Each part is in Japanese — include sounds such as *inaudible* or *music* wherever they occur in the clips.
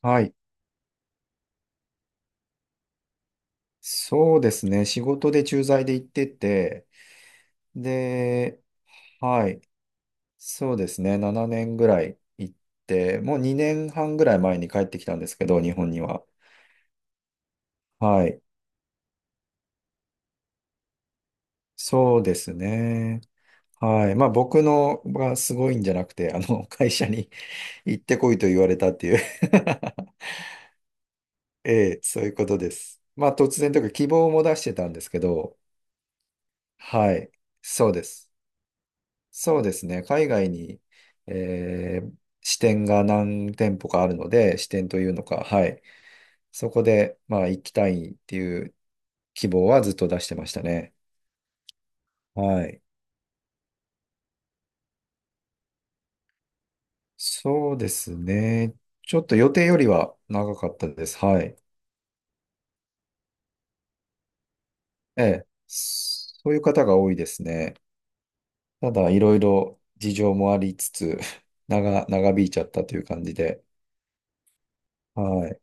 はい。そうですね。仕事で駐在で行ってて、で、はい。そうですね。7年ぐらい行って、もう2年半ぐらい前に帰ってきたんですけど、日本には。はい。そうですね。はい。まあ僕のがすごいんじゃなくて、*laughs* 会社に *laughs* 行ってこいと言われたっていう *laughs* ええ、そういうことです。まあ突然というか希望も出してたんですけど、はい。そうです。そうですね。海外に、えー支店が何店舗かあるので、支店というのか、はい。そこで、まあ、行きたいっていう希望はずっと出してましたね。はい。そうですね。ちょっと予定よりは長かったです。はい。ええ。そういう方が多いですね。ただ、いろいろ事情もありつつ、*laughs* 長引いちゃったという感じで。はい。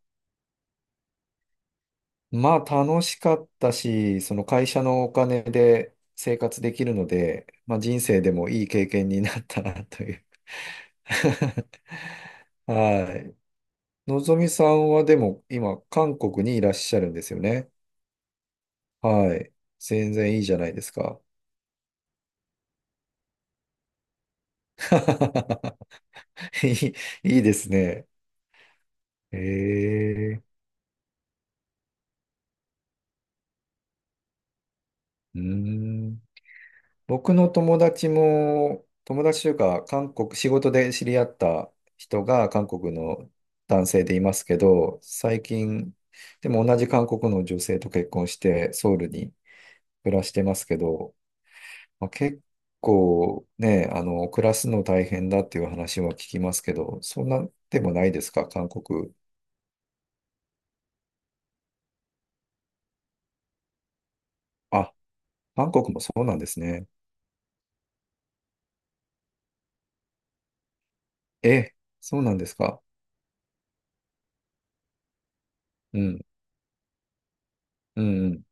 まあ楽しかったし、その会社のお金で生活できるので、まあ人生でもいい経験になったなという。*laughs* はい。のぞみさんはでも今韓国にいらっしゃるんですよね。はい。全然いいじゃないですか。*laughs* いいいですね。へえ。うーん。僕の友達も、友達というか、韓国、仕事で知り合った人が韓国の男性でいますけど、最近、でも同じ韓国の女性と結婚して、ソウルに暮らしてますけど、まあ、結構ね、暮らすの大変だっていう話は聞きますけど、そんなでもないですか、韓国。あ、韓国もそうなんですね。え、そうなんですか。うん、うん、うん。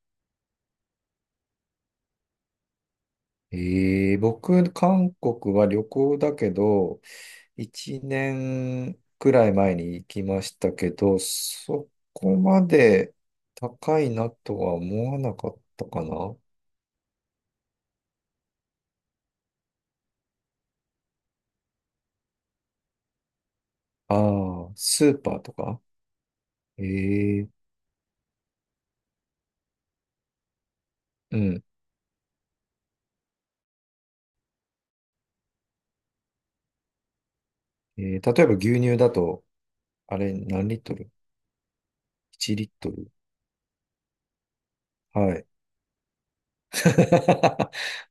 僕、韓国は旅行だけど、一年くらい前に行きましたけど、そこまで高いなとは思わなかったかな。ああ、スーパーとか。ええ、うん。ええ、例えば牛乳だと、あれ何リットル ?1 リットル。はい。*laughs*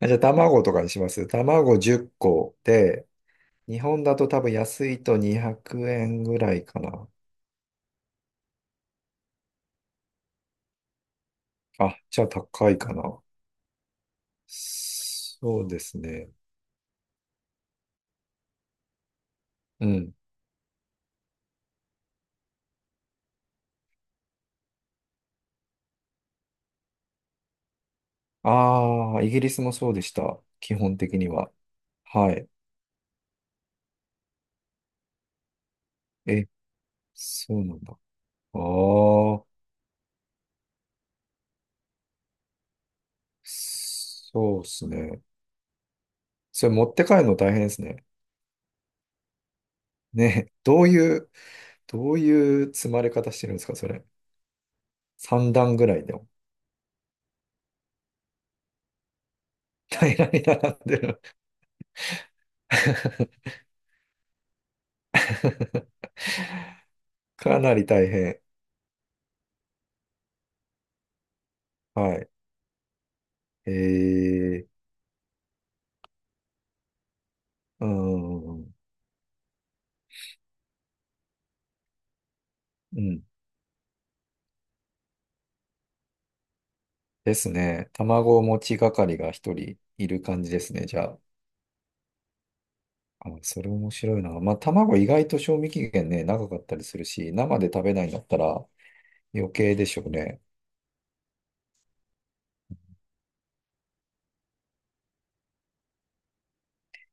じゃあ卵とかにします。卵10個で、日本だと多分安いと200円ぐらいかな。あ、じゃあ高いかな。そうですね。うん。ああ、イギリスもそうでした。基本的には。はい。え、そうなんだ。ああ、そうですね。それ持って帰るの大変ですね。ね、どういう積まれ方してるんですか、それ。3段ぐらいでも平らに並んでる。*laughs* かなり大変。はい。えー、うーん、うん。ですね。卵持ち係が一人いる感じですね、じゃあ。あ、それ面白いな。まあ、卵意外と賞味期限ね、長かったりするし、生で食べないんだったら余計でしょうね。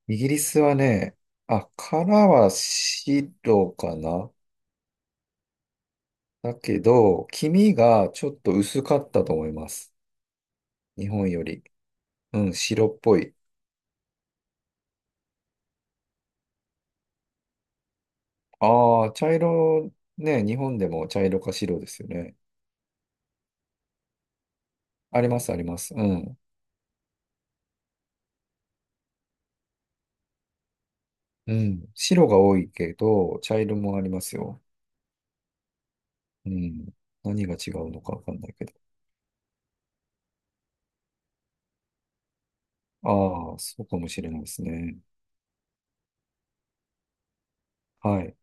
イギリスはね、あ、殻は白かな。だけど、黄身がちょっと薄かったと思います。日本より。うん、白っぽい。ああ、茶色、ね、日本でも茶色か白ですよね。あります、あります。うん。うん。白が多いけど、茶色もありますよ。うん。何が違うのかわかんないけど。ああ、そうかもしれないですね。はい。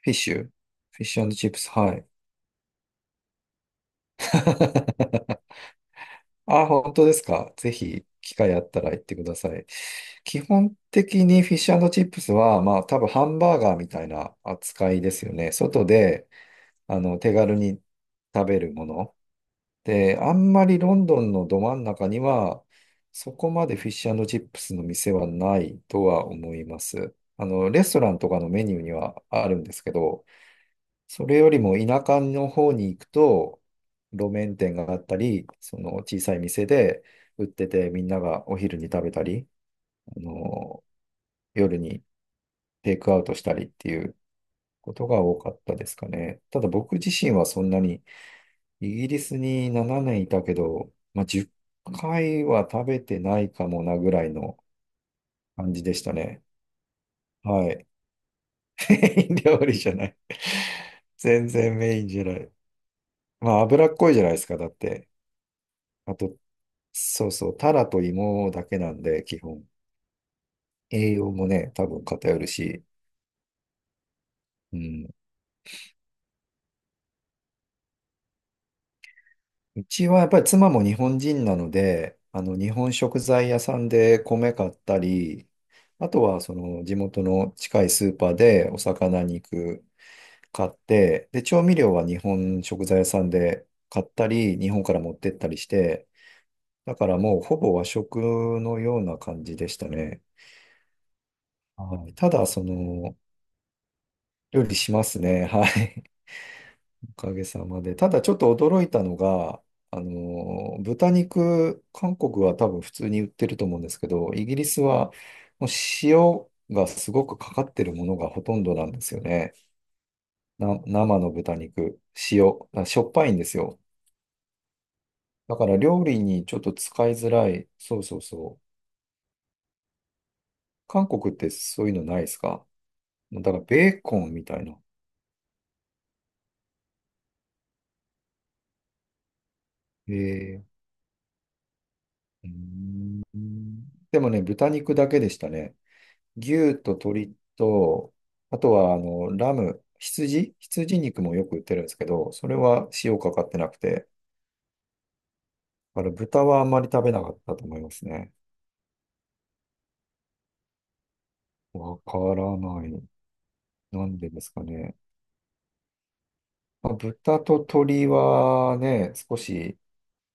フィッシュチップス。はい。*laughs* あ、本当ですか？ぜひ、機会あったら行ってください。基本的にフィッシュチップスは、まあ、多分ハンバーガーみたいな扱いですよね。外で、手軽に食べるもの。で、あんまりロンドンのど真ん中には、そこまでフィッシュチップスの店はないとは思います。レストランとかのメニューにはあるんですけど、それよりも田舎の方に行くと、路面店があったり、その小さい店で売ってて、みんながお昼に食べたり、あの、夜にテイクアウトしたりっていうことが多かったですかね。ただ僕自身はそんなに、イギリスに7年いたけど、まあ、10回は食べてないかもなぐらいの感じでしたね。はい。*laughs* メイン料理じゃない。全然メインじゃない。まあ、脂っこいじゃないですか、だって。あと、そうそう、タラと芋だけなんで、基本。栄養もね、多分偏るし。うん。うちはやっぱり妻も日本人なので、日本食材屋さんで米買ったり、あとはその地元の近いスーパーでお魚肉買って、で、調味料は日本食材屋さんで買ったり、日本から持ってったりして、だからもうほぼ和食のような感じでしたね。はい、ただ、料理しますね。はい。おかげさまで。ただちょっと驚いたのが、豚肉、韓国は多分普通に売ってると思うんですけど、イギリスはもう塩がすごくかかってるものがほとんどなんですよね。生の豚肉、塩、あしょっぱいんですよ。だから料理にちょっと使いづらい。そうそうそう。韓国ってそういうのないですか？だからベーコンみたいな。へえ。うーんでもね、豚肉だけでしたね。牛と鶏と、あとは、ラム、羊肉もよく売ってるんですけど、それは塩かかってなくて、だから豚はあんまり食べなかったと思いますね。わからない。なんでですかね。まあ、豚と鶏はね、少し、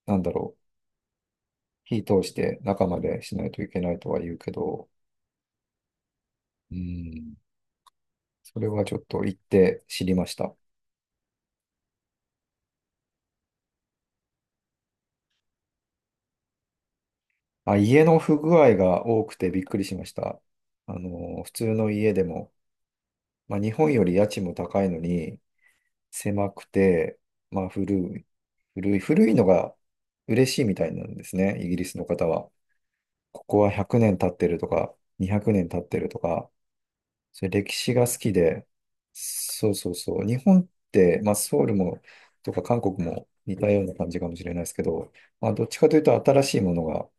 なんだろう、火通して中までしないといけないとは言うけど、うん、それはちょっと行って知りました。あ、家の不具合が多くてびっくりしました。普通の家でも、まあ、日本より家賃も高いのに、狭くて、まあ、古い、古い、古いのが嬉しいみたいなんですね、イギリスの方は。ここは100年経ってるとか、200年経ってるとか、そういう歴史が好きで、そうそうそう。日本って、まあ、ソウルも、とか韓国も似たような感じかもしれないですけど、まあ、どっちかというと新しいものが好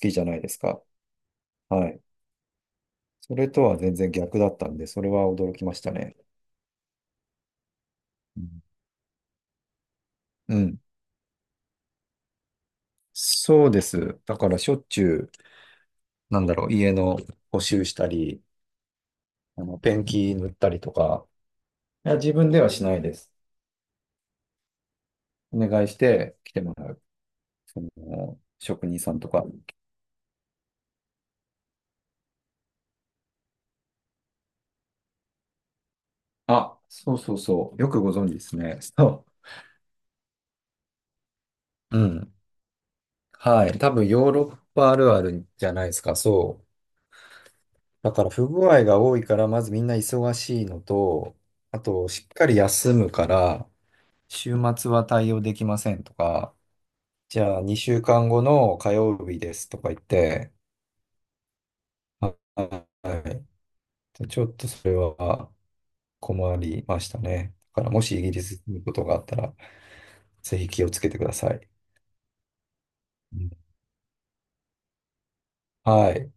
きじゃないですか。はい。それとは全然逆だったんで、それは驚きましたね。うん。うん、そうです。だからしょっちゅう、なんだろう、家の補修したり、ペンキ塗ったりとか、いや、自分ではしないです。お願いして来てもらう。その、職人さんとか。あ、そうそうそう。よくご存知ですね。そう。うん。はい。多分ヨーロッパあるあるじゃないですか。そう。だから不具合が多いから、まずみんな忙しいのと、あと、しっかり休むから、週末は対応できませんとか、じゃあ、2週間後の火曜日ですとか言って、ははい。ちょっとそれは困りましたね。だから、もしイギリスに行くことがあったら、ぜひ気をつけてください。うん、はい。